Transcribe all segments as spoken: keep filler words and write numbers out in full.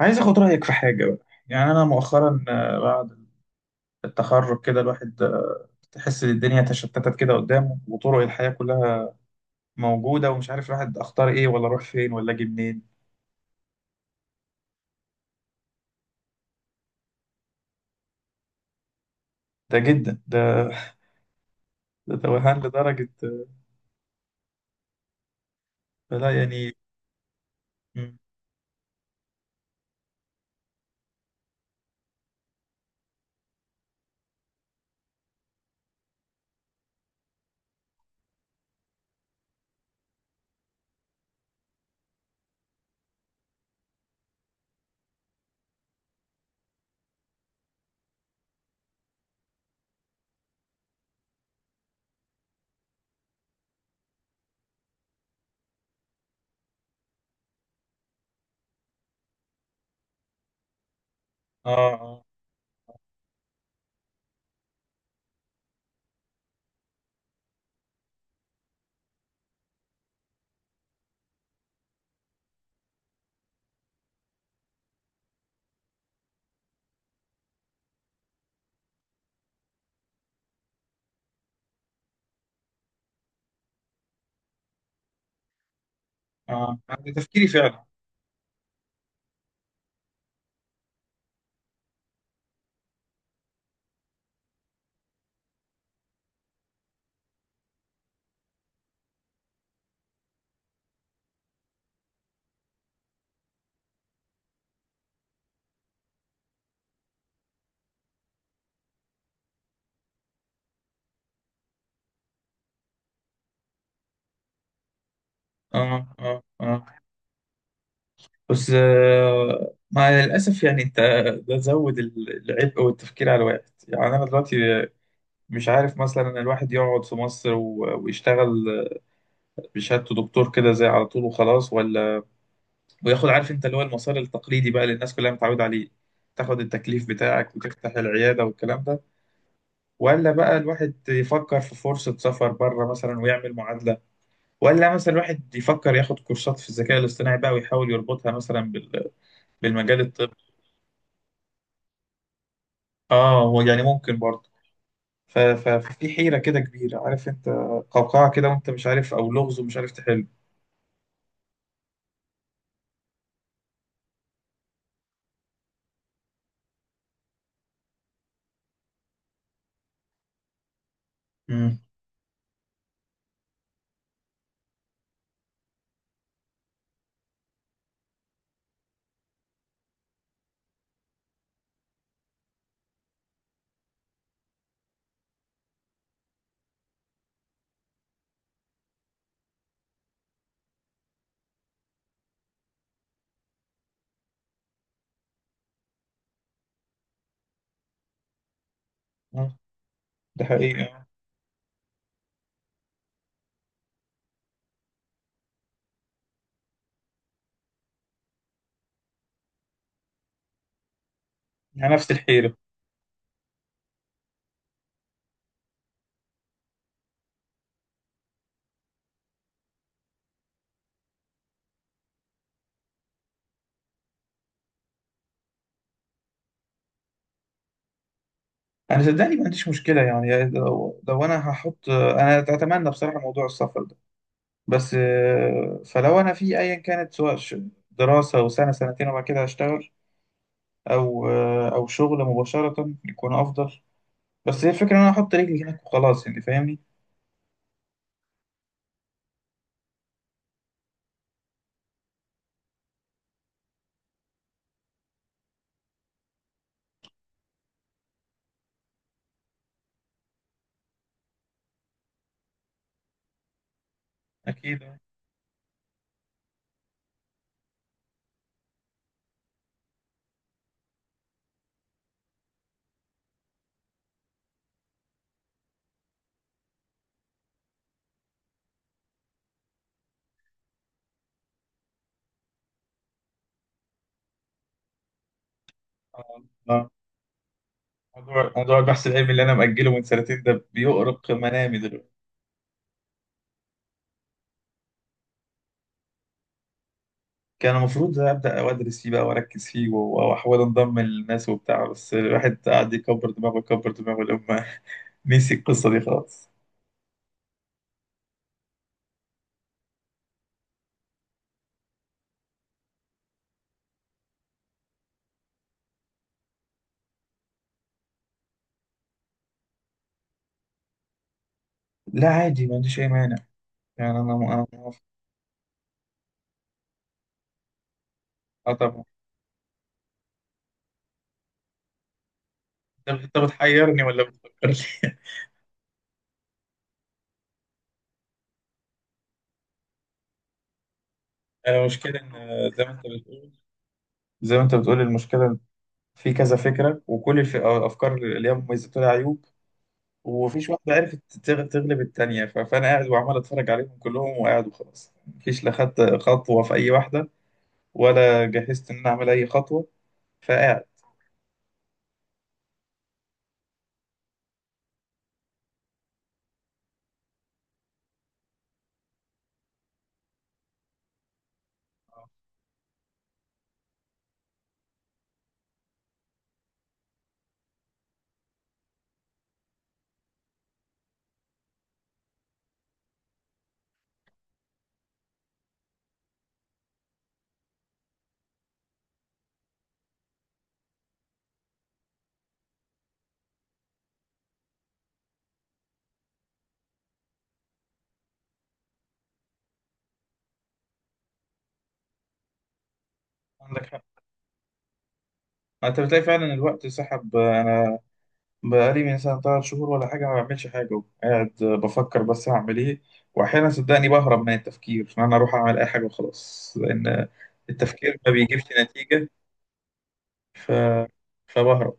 عايز اخد رايك في حاجه بقى. يعني انا مؤخرا، آه، بعد التخرج كده الواحد آه، تحس ان الدنيا تشتتت كده قدامه، وطرق الحياه كلها موجوده، ومش عارف الواحد اختار ايه، ولا اروح فين، ولا اجي منين. ده جدا ده. ده توهان لدرجه، آه، فلا يعني. مم. اه، اه، اه، ده تفكيري فعلا. اه، اه، اه، بس آه، مع الاسف يعني انت، ده زود ال- العبء والتفكير على الواحد. يعني انا دلوقتي مش عارف مثلا الواحد يقعد في مصر و- ويشتغل بشهادته دكتور كده زي على طول وخلاص، ولا وياخد عارف انت، اللي هو المسار التقليدي بقى، اللي الناس كلها متعودة عليه، تاخد التكليف بتاعك وتفتح العيادة والكلام ده. ولا بقى الواحد يفكر في فرصة سفر بره مثلا ويعمل معادلة، ولا مثلا الواحد يفكر ياخد كورسات في الذكاء الاصطناعي بقى ويحاول يربطها مثلا بال... بالمجال الطبي. اه هو يعني ممكن برضه. ف... ف... ففي حيرة كده كبيرة، عارف انت. قوقعة كده وانت مش عارف، او لغز ومش عارف تحل. امم ده حقيقي. يعني نفس الحيرة. انا صدقني ما عنديش مشكله يعني. لو, لو انا هحط، انا اتمنى بصراحه موضوع السفر ده. بس آه، فلو انا في ايا كانت، سواء ش- دراسه وسنه سنتين وبعد كده هشتغل، او آه، او شغل مباشره، يكون افضل. بس هي الفكره ان انا احط رجلي هناك وخلاص، يعني فاهمني. اكيد آه، آه. موضوع موضوع البحث العلمي اللي انا مأجله من سنتين ده بيؤرق منامي دلوقتي. كان المفروض ابدا ادرس فيه بقى واركز فيه و- واحاول انضم للناس وبتاع، بس الواحد قاعد يكبر دماغه يكبر دماغه، نسي القصة دي خالص. لا عادي، ما عنديش أي مانع. يعني أنا أنا موافق. أه طبعا. أنت أنت بتحيرني ولا بتفكر لي؟ المشكلة إن آه، زي ما أنت بتقول، زي ما أنت بتقول المشكلة في كذا فكرة، وكل الف- آه، الأفكار اللي هي مميزات ولها عيوب. ومفيش واحدة عرفت تغ- تغلب التانية، ف- فأنا قاعد وعمال أتفرج عليهم كلهم، وقاعد وخلاص مفيش، لا خدت خطوة في أي واحدة، ولا جهزت إن أنا أعمل أي خطوة. فقاعد. عندك حق. انت بتلاقي فعلا الوقت سحب. انا بقالي من سنة تلات شهور ولا حاجة ما بعملش حاجة، قاعد بفكر بس هعمل إيه. وأحيانا صدقني بهرب من التفكير، إن أنا أروح أعمل أي حاجة وخلاص، لأن التفكير ما بيجيبش نتيجة. ف... فبهرب.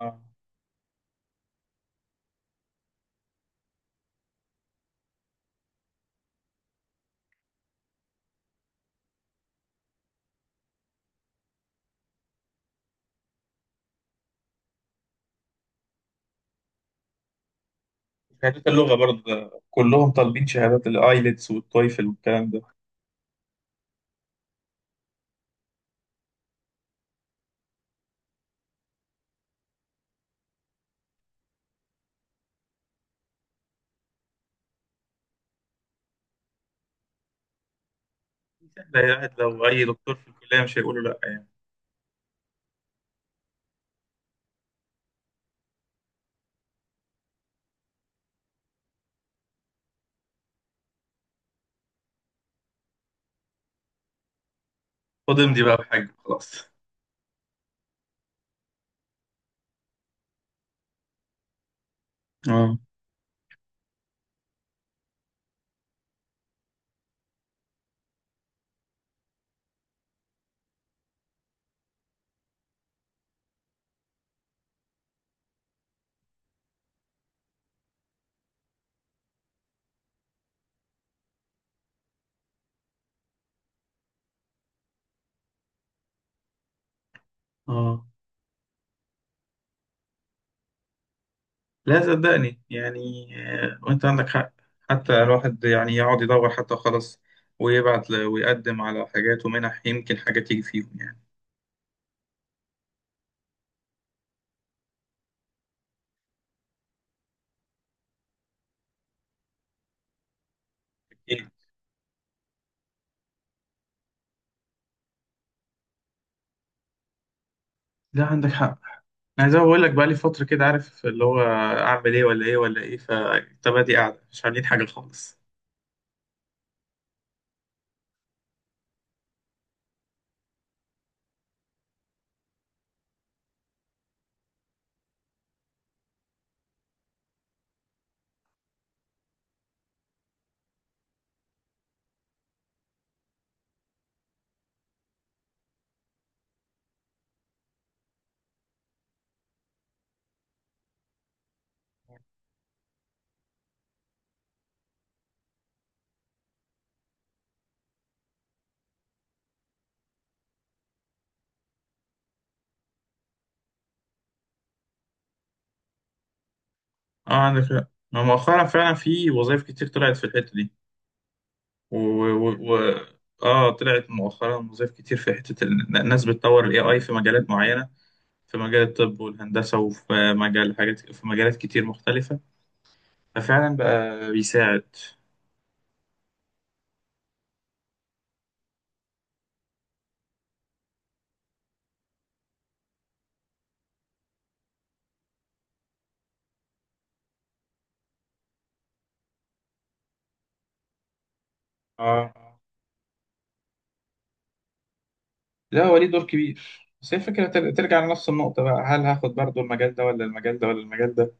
آه. شهادات اللغة برضه ده كلهم طالبين شهادات الآيلتس والتويفل والكلام ده. سهلة، قاعد لو أي دكتور في الكلية مش هيقولوا لأ يعني. خد امضي بقى بحاجة خلاص. اه، اه، لا صدقني يعني. آه، وانت عندك حق. حتى الواحد يعني يقعد يدور، حتى خلاص، ويبعت ل- ويقدم على حاجات ومنح، يمكن حاجة تيجي فيهم يعني. إيه؟ لا، عندك حق. انا زي ما بقول لك بقى، لي فترة كده عارف اللي هو، اعمل ايه ولا ايه ولا ايه، فطب ادي قاعدة مش عاملين حاجة خالص. اه عندك حق. ما مؤخرا فعلا في وظائف كتير طلعت في الحتة دي، و... و... و... اه طلعت مؤخرا وظائف كتير في حتة ال- الناس بتطور الاي اي في مجالات معينة، في مجال الطب والهندسة، وفي مجال حاجات، في مجالات كتير مختلفة. ففعلا بقى بيساعد. اه، لا هو ليه دور كبير، بس هي الفكرة تر- ترجع لنفس النقطة بقى. هل هاخد برضو المجال ده، ولا المجال ده، ولا المجال ده؟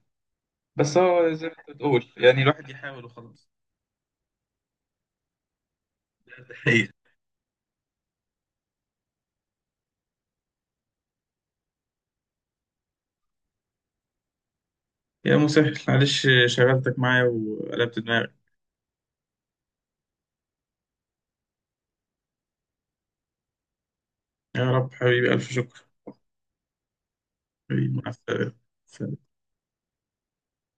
بس هو زي ما انت بتقول، يعني الواحد يحاول وخلاص. ده ده حقيقي. يا مسهل، معلش شغلتك معايا وقلبت دماغي. يا رب، حبيبي ألف شكر. حبيبي، مع السلامة.